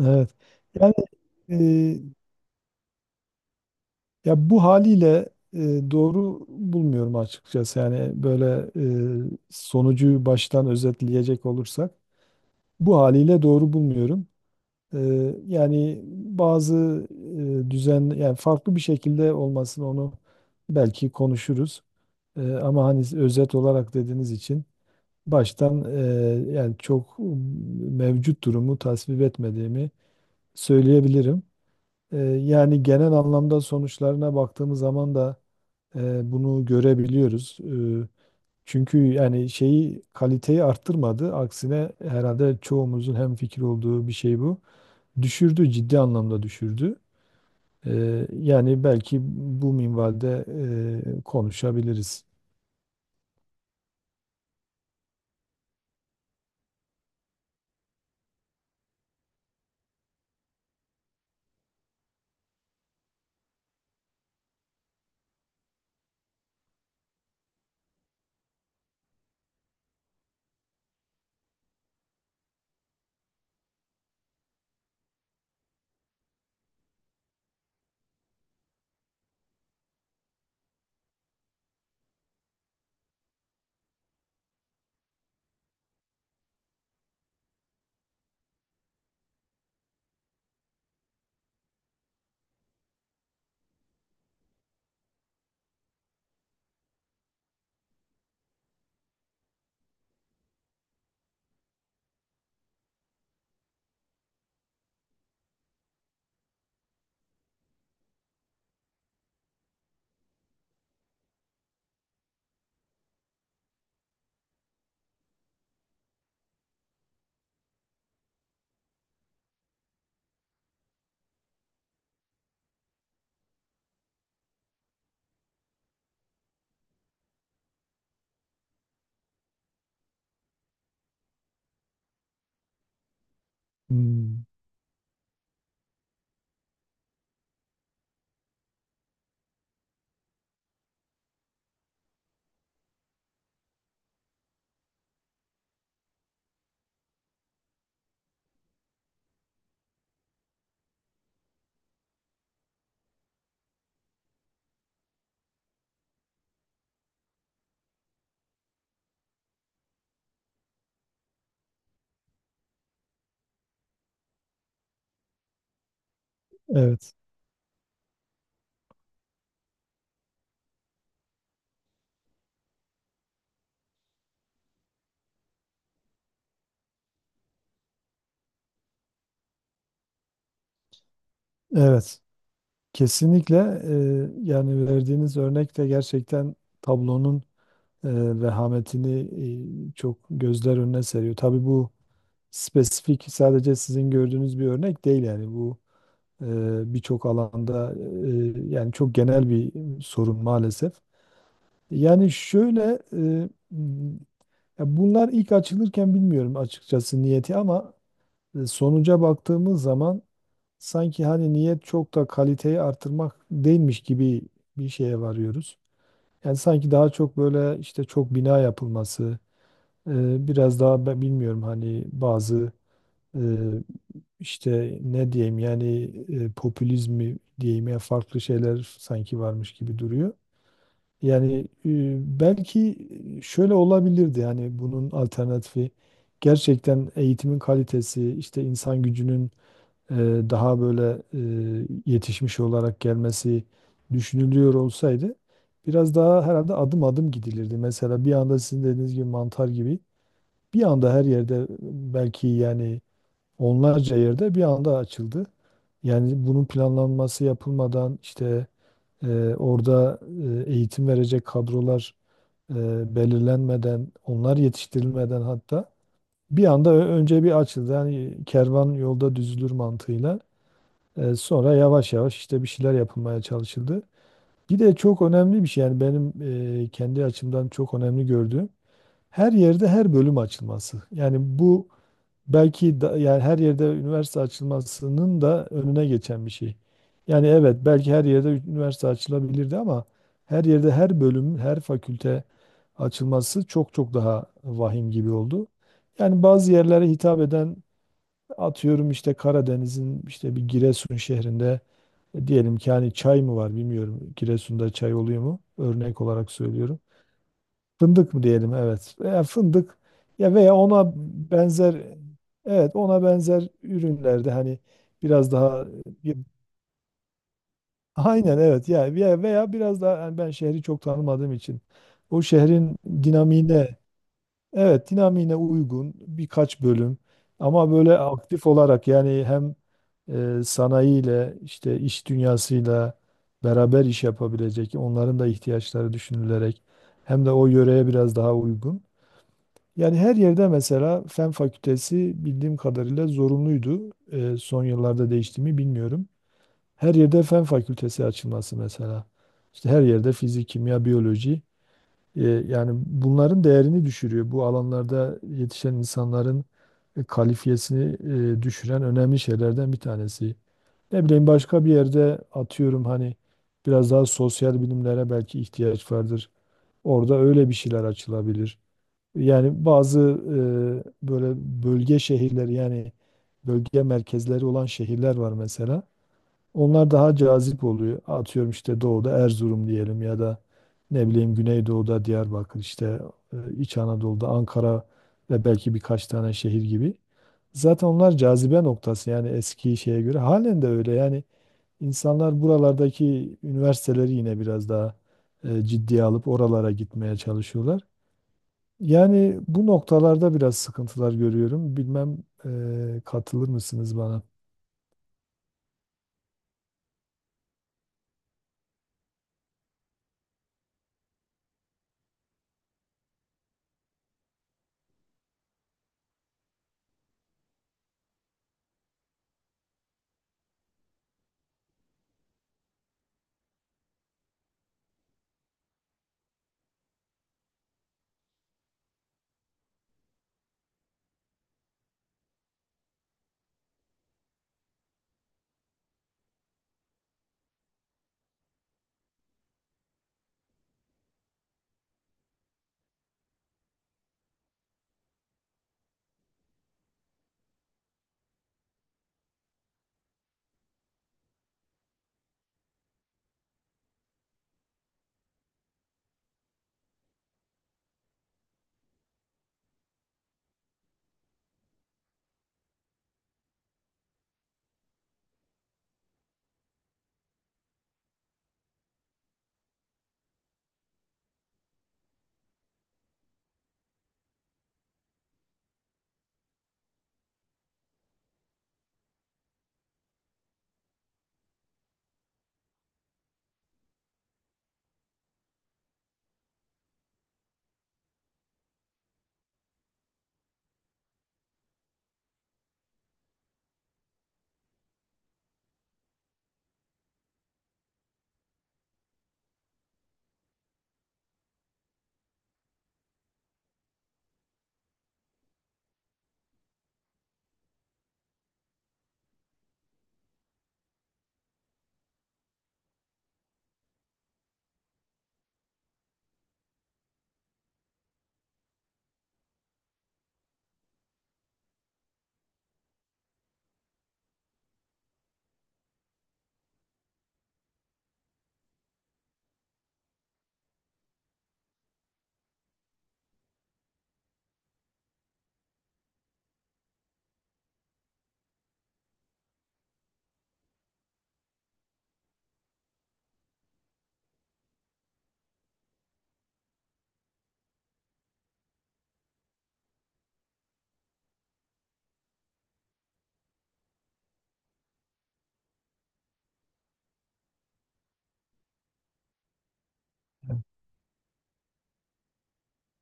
Evet. Yani e, ya bu haliyle doğru bulmuyorum açıkçası. Yani böyle sonucu baştan özetleyecek olursak bu haliyle doğru bulmuyorum. E, Yani bazı düzen yani farklı bir şekilde olmasını onu belki konuşuruz. Ama hani özet olarak dediğiniz için baştan yani çok mevcut durumu tasvip etmediğimi söyleyebilirim. Yani genel anlamda sonuçlarına baktığımız zaman da bunu görebiliyoruz. Çünkü yani şeyi kaliteyi arttırmadı. Aksine herhalde çoğumuzun hemfikir olduğu bir şey bu. Düşürdü, ciddi anlamda düşürdü. E, Yani belki bu minvalde konuşabiliriz. Hmm, evet, evet. Kesinlikle yani verdiğiniz örnek de gerçekten tablonun e, vehametini çok gözler önüne seriyor. Tabii bu spesifik sadece sizin gördüğünüz bir örnek değil yani bu birçok alanda yani çok genel bir sorun maalesef. Yani şöyle e, ya bunlar ilk açılırken bilmiyorum açıkçası niyeti ama sonuca baktığımız zaman sanki hani niyet çok da kaliteyi artırmak değilmiş gibi bir şeye varıyoruz. Yani sanki daha çok böyle işte çok bina yapılması, biraz daha ben bilmiyorum hani bazı e, İşte ne diyeyim yani popülizmi diyeyim ya farklı şeyler sanki varmış gibi duruyor. Yani belki şöyle olabilirdi hani bunun alternatifi gerçekten eğitimin kalitesi işte insan gücünün e, daha böyle yetişmiş olarak gelmesi düşünülüyor olsaydı biraz daha herhalde adım adım gidilirdi. Mesela bir anda sizin dediğiniz gibi mantar gibi bir anda her yerde belki yani onlarca yerde bir anda açıldı. Yani bunun planlanması yapılmadan işte e, orada eğitim verecek kadrolar e, belirlenmeden, onlar yetiştirilmeden hatta bir anda önce bir açıldı. Yani kervan yolda düzülür mantığıyla. Sonra yavaş yavaş işte bir şeyler yapılmaya çalışıldı. Bir de çok önemli bir şey yani benim kendi açımdan çok önemli gördüğüm her yerde her bölüm açılması. Yani bu belki da, yani her yerde üniversite açılmasının da önüne geçen bir şey. Yani evet belki her yerde üniversite açılabilirdi ama her yerde her bölüm, her fakülte açılması çok çok daha vahim gibi oldu. Yani bazı yerlere hitap eden atıyorum işte Karadeniz'in işte bir Giresun şehrinde diyelim ki hani çay mı var bilmiyorum. Giresun'da çay oluyor mu? Örnek olarak söylüyorum. Fındık mı diyelim evet. Veya fındık ya veya ona benzer evet ona benzer ürünlerde hani biraz daha bir- aynen evet ya ya veya biraz daha yani ben şehri çok tanımadığım için o şehrin dinamiğine evet dinamiğine uygun birkaç bölüm ama böyle aktif olarak yani hem sanayiyle işte iş dünyasıyla beraber iş yapabilecek onların da ihtiyaçları düşünülerek hem de o yöreye biraz daha uygun. Yani her yerde mesela Fen Fakültesi bildiğim kadarıyla zorunluydu. Son yıllarda değişti mi bilmiyorum. Her yerde Fen Fakültesi açılması mesela. İşte her yerde fizik, kimya, biyoloji. Ee, Yani bunların değerini düşürüyor. Bu alanlarda yetişen insanların kalifiyesini düşüren önemli şeylerden bir tanesi. Ne bileyim başka bir yerde atıyorum hani biraz daha sosyal bilimlere belki ihtiyaç vardır. Orada öyle bir şeyler açılabilir. Yani bazı böyle bölge şehirleri yani bölge merkezleri olan şehirler var mesela. Onlar daha cazip oluyor. Atıyorum işte doğuda Erzurum diyelim ya da ne bileyim Güneydoğu'da Diyarbakır işte İç Anadolu'da Ankara ve belki birkaç tane şehir gibi. Zaten onlar cazibe noktası yani eski şeye göre halen de öyle. Yani insanlar buralardaki üniversiteleri yine biraz daha ciddiye alıp oralara gitmeye çalışıyorlar. Yani bu noktalarda biraz sıkıntılar görüyorum. Bilmem katılır mısınız bana?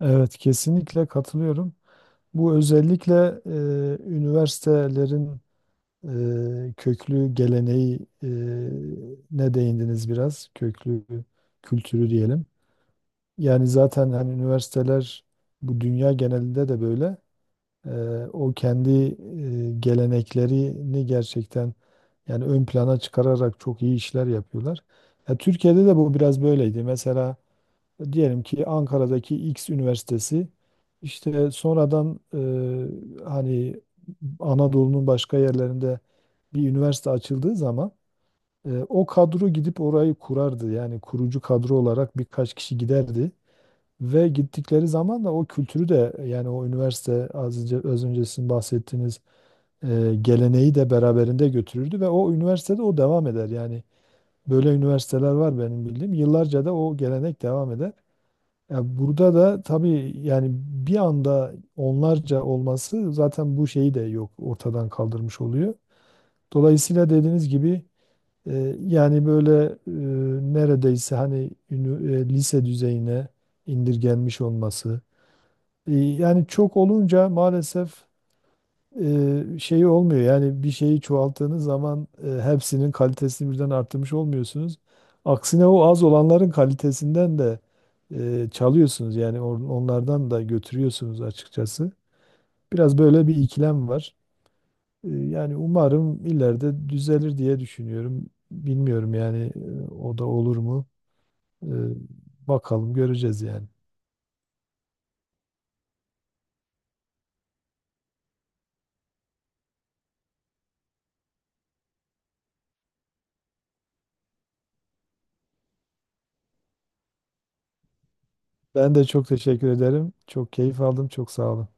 Evet, kesinlikle katılıyorum. Bu özellikle üniversitelerin köklü geleneği ne değindiniz biraz? Köklü kültürü diyelim. Yani zaten hani üniversiteler bu dünya genelinde de böyle. e, o kendi geleneklerini gerçekten yani ön plana çıkararak çok iyi işler yapıyorlar. Ya Türkiye'de de bu biraz böyleydi. Mesela diyelim ki Ankara'daki X üniversitesi işte sonradan hani Anadolu'nun başka yerlerinde bir üniversite açıldığı zaman o kadro gidip orayı kurardı. Yani kurucu kadro olarak birkaç kişi giderdi. Ve gittikleri zaman da o kültürü de yani o üniversite az önce sizin bahsettiğiniz geleneği de beraberinde götürürdü ve o üniversitede o devam eder. Yani böyle üniversiteler var benim bildiğim. Yıllarca da o gelenek devam eder. Ya burada da tabii yani bir anda onlarca olması zaten bu şeyi de yok ortadan kaldırmış oluyor. Dolayısıyla dediğiniz gibi yani böyle neredeyse hani lise düzeyine indirgenmiş olması yani çok olunca maalesef şeyi olmuyor. Yani bir şeyi çoğalttığınız zaman hepsinin kalitesini birden arttırmış olmuyorsunuz. Aksine o az olanların kalitesinden de çalıyorsunuz. Yani onlardan da götürüyorsunuz açıkçası. Biraz böyle bir ikilem var. Yani umarım ileride düzelir diye düşünüyorum. Bilmiyorum yani o da olur mu? E, Bakalım göreceğiz yani. Ben de çok teşekkür ederim. Çok keyif aldım. Çok sağ olun.